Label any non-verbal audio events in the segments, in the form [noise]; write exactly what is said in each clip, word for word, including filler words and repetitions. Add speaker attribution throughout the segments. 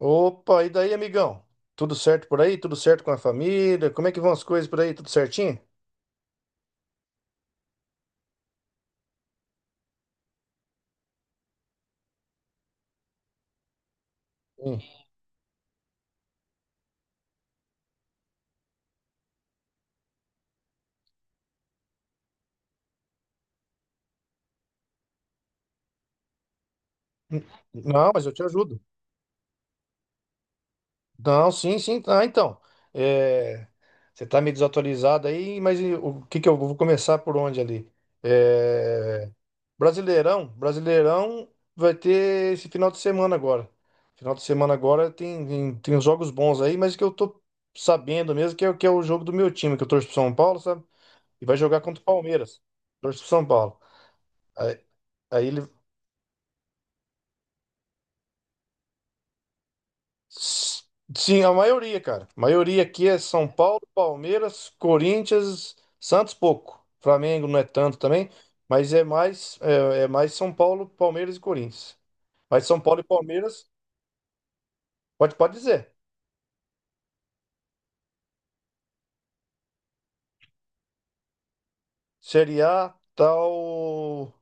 Speaker 1: Opa, e daí, amigão? Tudo certo por aí? Tudo certo com a família? Como é que vão as coisas por aí? Tudo certinho? Sim. Não, mas eu te ajudo. Não, sim, sim. Ah, então. É, você tá meio desatualizado aí, mas e o que que eu vou começar por onde ali? É, Brasileirão, Brasileirão vai ter esse final de semana agora. Final de semana agora tem, tem, tem uns jogos bons aí, mas que eu tô sabendo mesmo que é, o- que é o jogo do meu time, que eu torço pro São Paulo, sabe? E vai jogar contra o Palmeiras. Torço pro São Paulo. Aí ele. Sim, a maioria, cara. A maioria aqui é São Paulo, Palmeiras, Corinthians, Santos pouco. Flamengo não é tanto também, mas é mais é, é mais São Paulo, Palmeiras e Corinthians. Mas São Paulo e Palmeiras, pode, pode dizer. Série A, tal.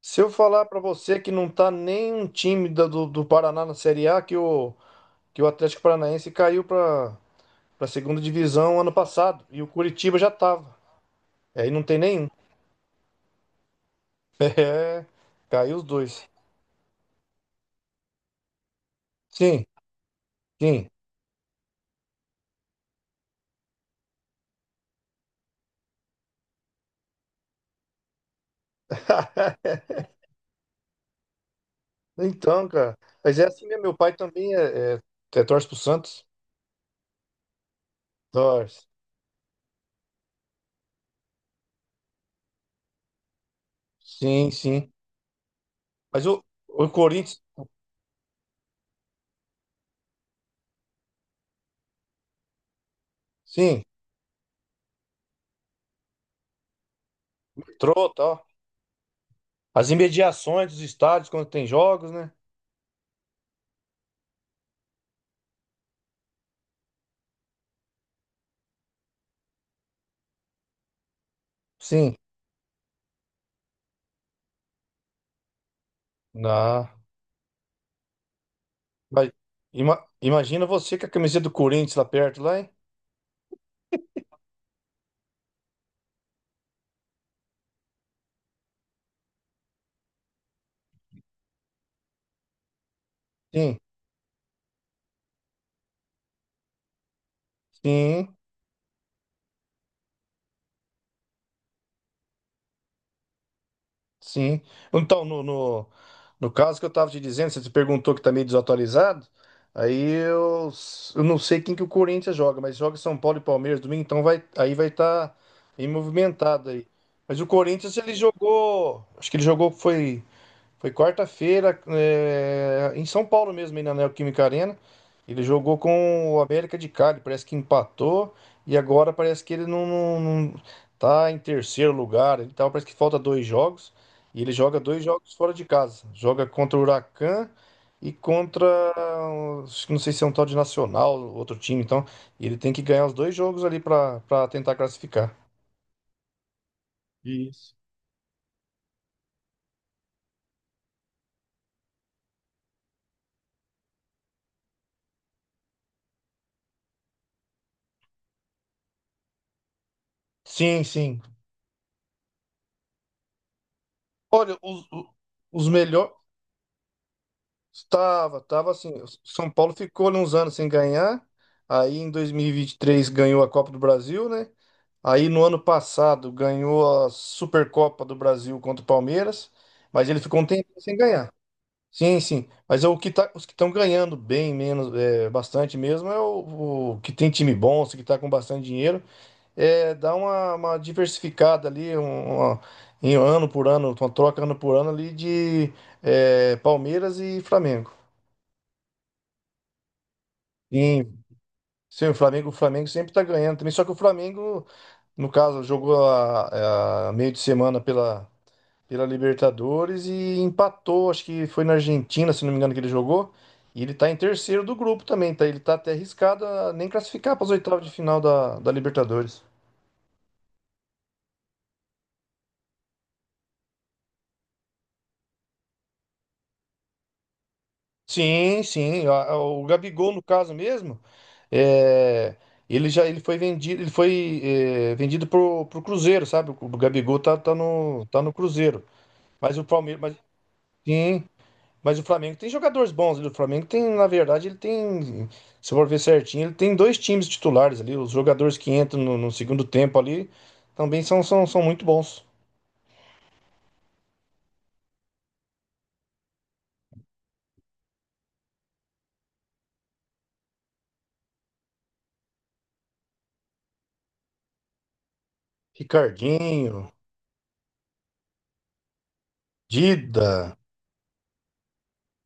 Speaker 1: Se eu falar pra você que não tá nenhum time da- do, do Paraná na Série A, que o, que o Atlético Paranaense caiu pra para segunda divisão ano passado e o Curitiba já tava. Aí não tem nenhum. [laughs] É, caiu os dois. Sim, sim. [laughs] Então, cara. Mas é assim mesmo, meu pai também é, é, é torce pro Santos. Torce. Sim, sim. Mas o, o Corinthians, sim, trota, ó. As imediações dos estádios quando tem jogos, né? Sim. Na. Mas ima- imagina você com a camiseta do Corinthians lá perto, lá, hein? Sim, sim. Sim. Então, no, no, no caso que eu estava te dizendo, você te perguntou que tá meio desatualizado, aí eu, s- eu não sei quem que o Corinthians joga, mas joga São Paulo e Palmeiras domingo, então vai, aí vai estar tá bem movimentado aí. Mas o Corinthians, ele jogou, acho que ele jogou, foi foi quarta-feira, é, em São Paulo mesmo, aí na Neoquímica Arena. Ele jogou com o América de Cali, parece que empatou. E agora parece que ele não, não- não- tá em terceiro lugar. Ele tá, parece que falta dois jogos. E ele joga dois jogos fora de casa. Joga contra o Huracan e contra, acho que não sei se é um tal de Nacional, outro time. Então, ele tem que ganhar os dois jogos ali para tentar classificar. Isso. Sim, sim. Olha, os, os melhor, Estava, estava assim. O São Paulo ficou ali uns anos sem ganhar. Aí em dois mil e vinte e três ganhou a Copa do Brasil, né? Aí no ano passado ganhou a Supercopa do Brasil contra o Palmeiras, mas ele ficou um tempo sem ganhar. Sim, sim. Mas é o que tá, os que estão ganhando bem menos, é, bastante mesmo, é o, o que tem time bom, os que está com bastante dinheiro, é dá uma, uma diversificada ali, um, uma- em ano por ano, uma troca ano por ano ali de é, Palmeiras e Flamengo. Sim, sim, o Flamengo, o Flamengo sempre tá ganhando também. Só que o Flamengo, no caso, jogou a, a meio de semana pela, pela Libertadores e empatou, acho que foi na Argentina, se não me engano, que ele jogou. E ele tá em terceiro do grupo também, tá? Ele tá até arriscado a nem classificar para as oitavas de final da, da Libertadores. Sim, sim. a- a- O Gabigol, no caso mesmo, é, ele já ele foi vendido, ele foi é, vendido pro, pro Cruzeiro, sabe? O Gabigol tá, tá no, tá no Cruzeiro. Mas o Palmeiras, sim, mas o Flamengo tem jogadores bons ali. O Flamengo tem, na verdade, ele tem, se eu for ver certinho, ele tem dois times titulares ali. Os jogadores que entram no, no segundo tempo ali também são, são, são muito bons. Ricardinho, Dida,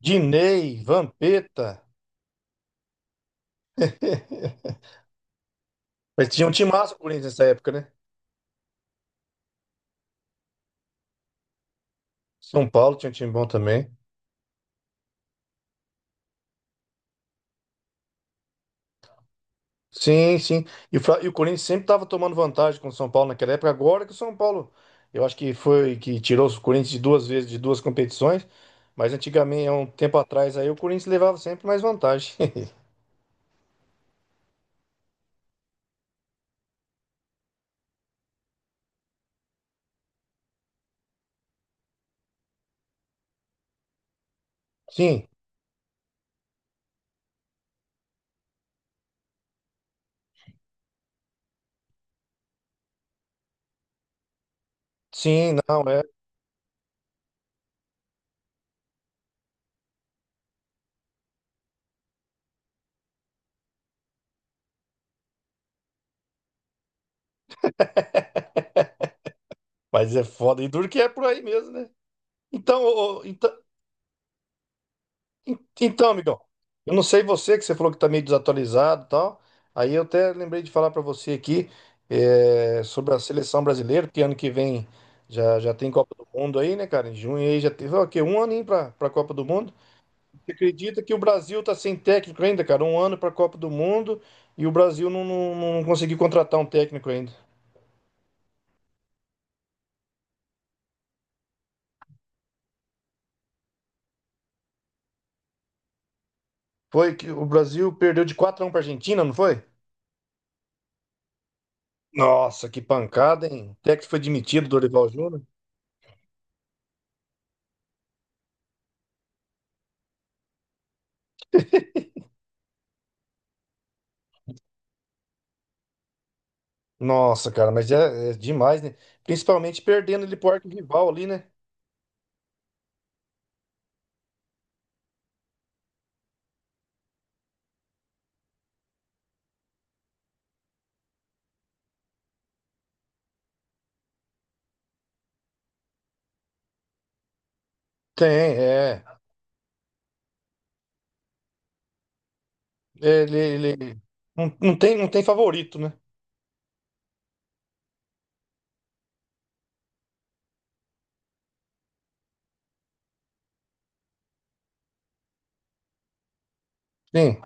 Speaker 1: Dinei, Vampeta. [laughs] Mas tinha um timaço o Corinthians nessa época, né? São Paulo tinha um time bom também. Sim, sim. E o, Fla- e o Corinthians sempre estava tomando vantagem com o São Paulo naquela época. Agora que o São Paulo, eu acho que foi que tirou o Corinthians de duas vezes, de duas competições. Mas antigamente, há um tempo atrás, aí o Corinthians levava sempre mais vantagem. [laughs] Sim, sim, não é. Mas é foda. E duro que é por aí mesmo, né? Então, ô, ô, então, En- Então, amigão, eu não sei você, que você falou que tá meio desatualizado e tal. Aí eu até lembrei de falar pra você aqui é, sobre a seleção brasileira, porque ano que vem já, já tem Copa do Mundo aí, né, cara? Em junho aí já teve, ó, o quê? Um aninho pra, pra Copa do Mundo. Você acredita que o Brasil tá sem técnico ainda, cara? Um ano pra Copa do Mundo e o Brasil não, não, não conseguiu contratar um técnico ainda. Foi que o Brasil perdeu de quatro a um pra Argentina, não foi? Nossa, que pancada, hein? O técnico foi demitido, Dorival Júnior. Nossa, cara, mas é, é demais, né? Principalmente perdendo ele pro arco rival ali, né? Tem, é. Ele, ele não, não tem, não tem favorito, né? Sim.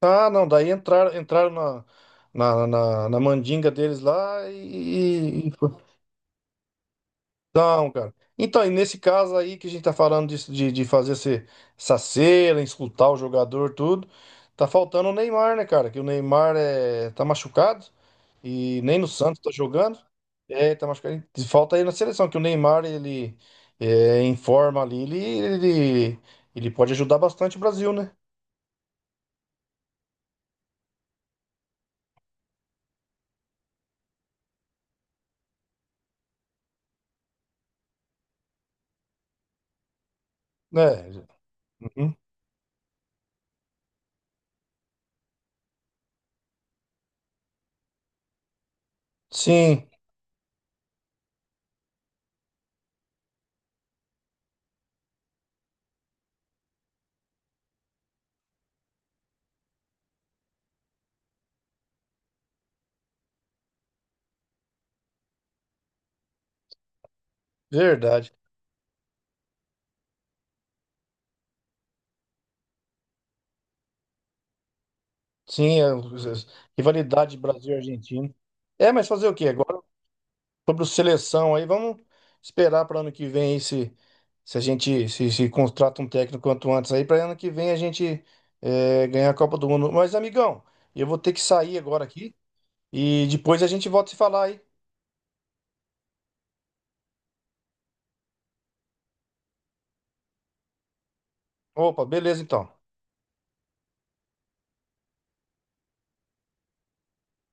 Speaker 1: Ah, não, daí entraram, entraram na, na, na, na mandinga deles lá e, e não, cara. Então, e nesse caso aí que a gente tá falando disso, de, de fazer esse- essa cera, escutar o jogador, tudo, tá faltando o Neymar, né, cara? Que o Neymar é, tá machucado e nem no Santos tá jogando. É, tá machucado. E falta aí na seleção, que o Neymar, ele é, em forma ali, ele, ele, ele pode ajudar bastante o Brasil, né? Né? Uhum. Sim, verdade. Sim, a rivalidade Brasil-Argentina. É, mas fazer o quê? Agora, sobre o seleção aí. Vamos esperar para ano que vem aí se, se a gente se, se contrata um técnico quanto antes aí, para ano que vem a gente é, ganhar a Copa do Mundo. Mas, amigão, eu vou ter que sair agora aqui e depois a gente volta a se falar aí. Opa, beleza então.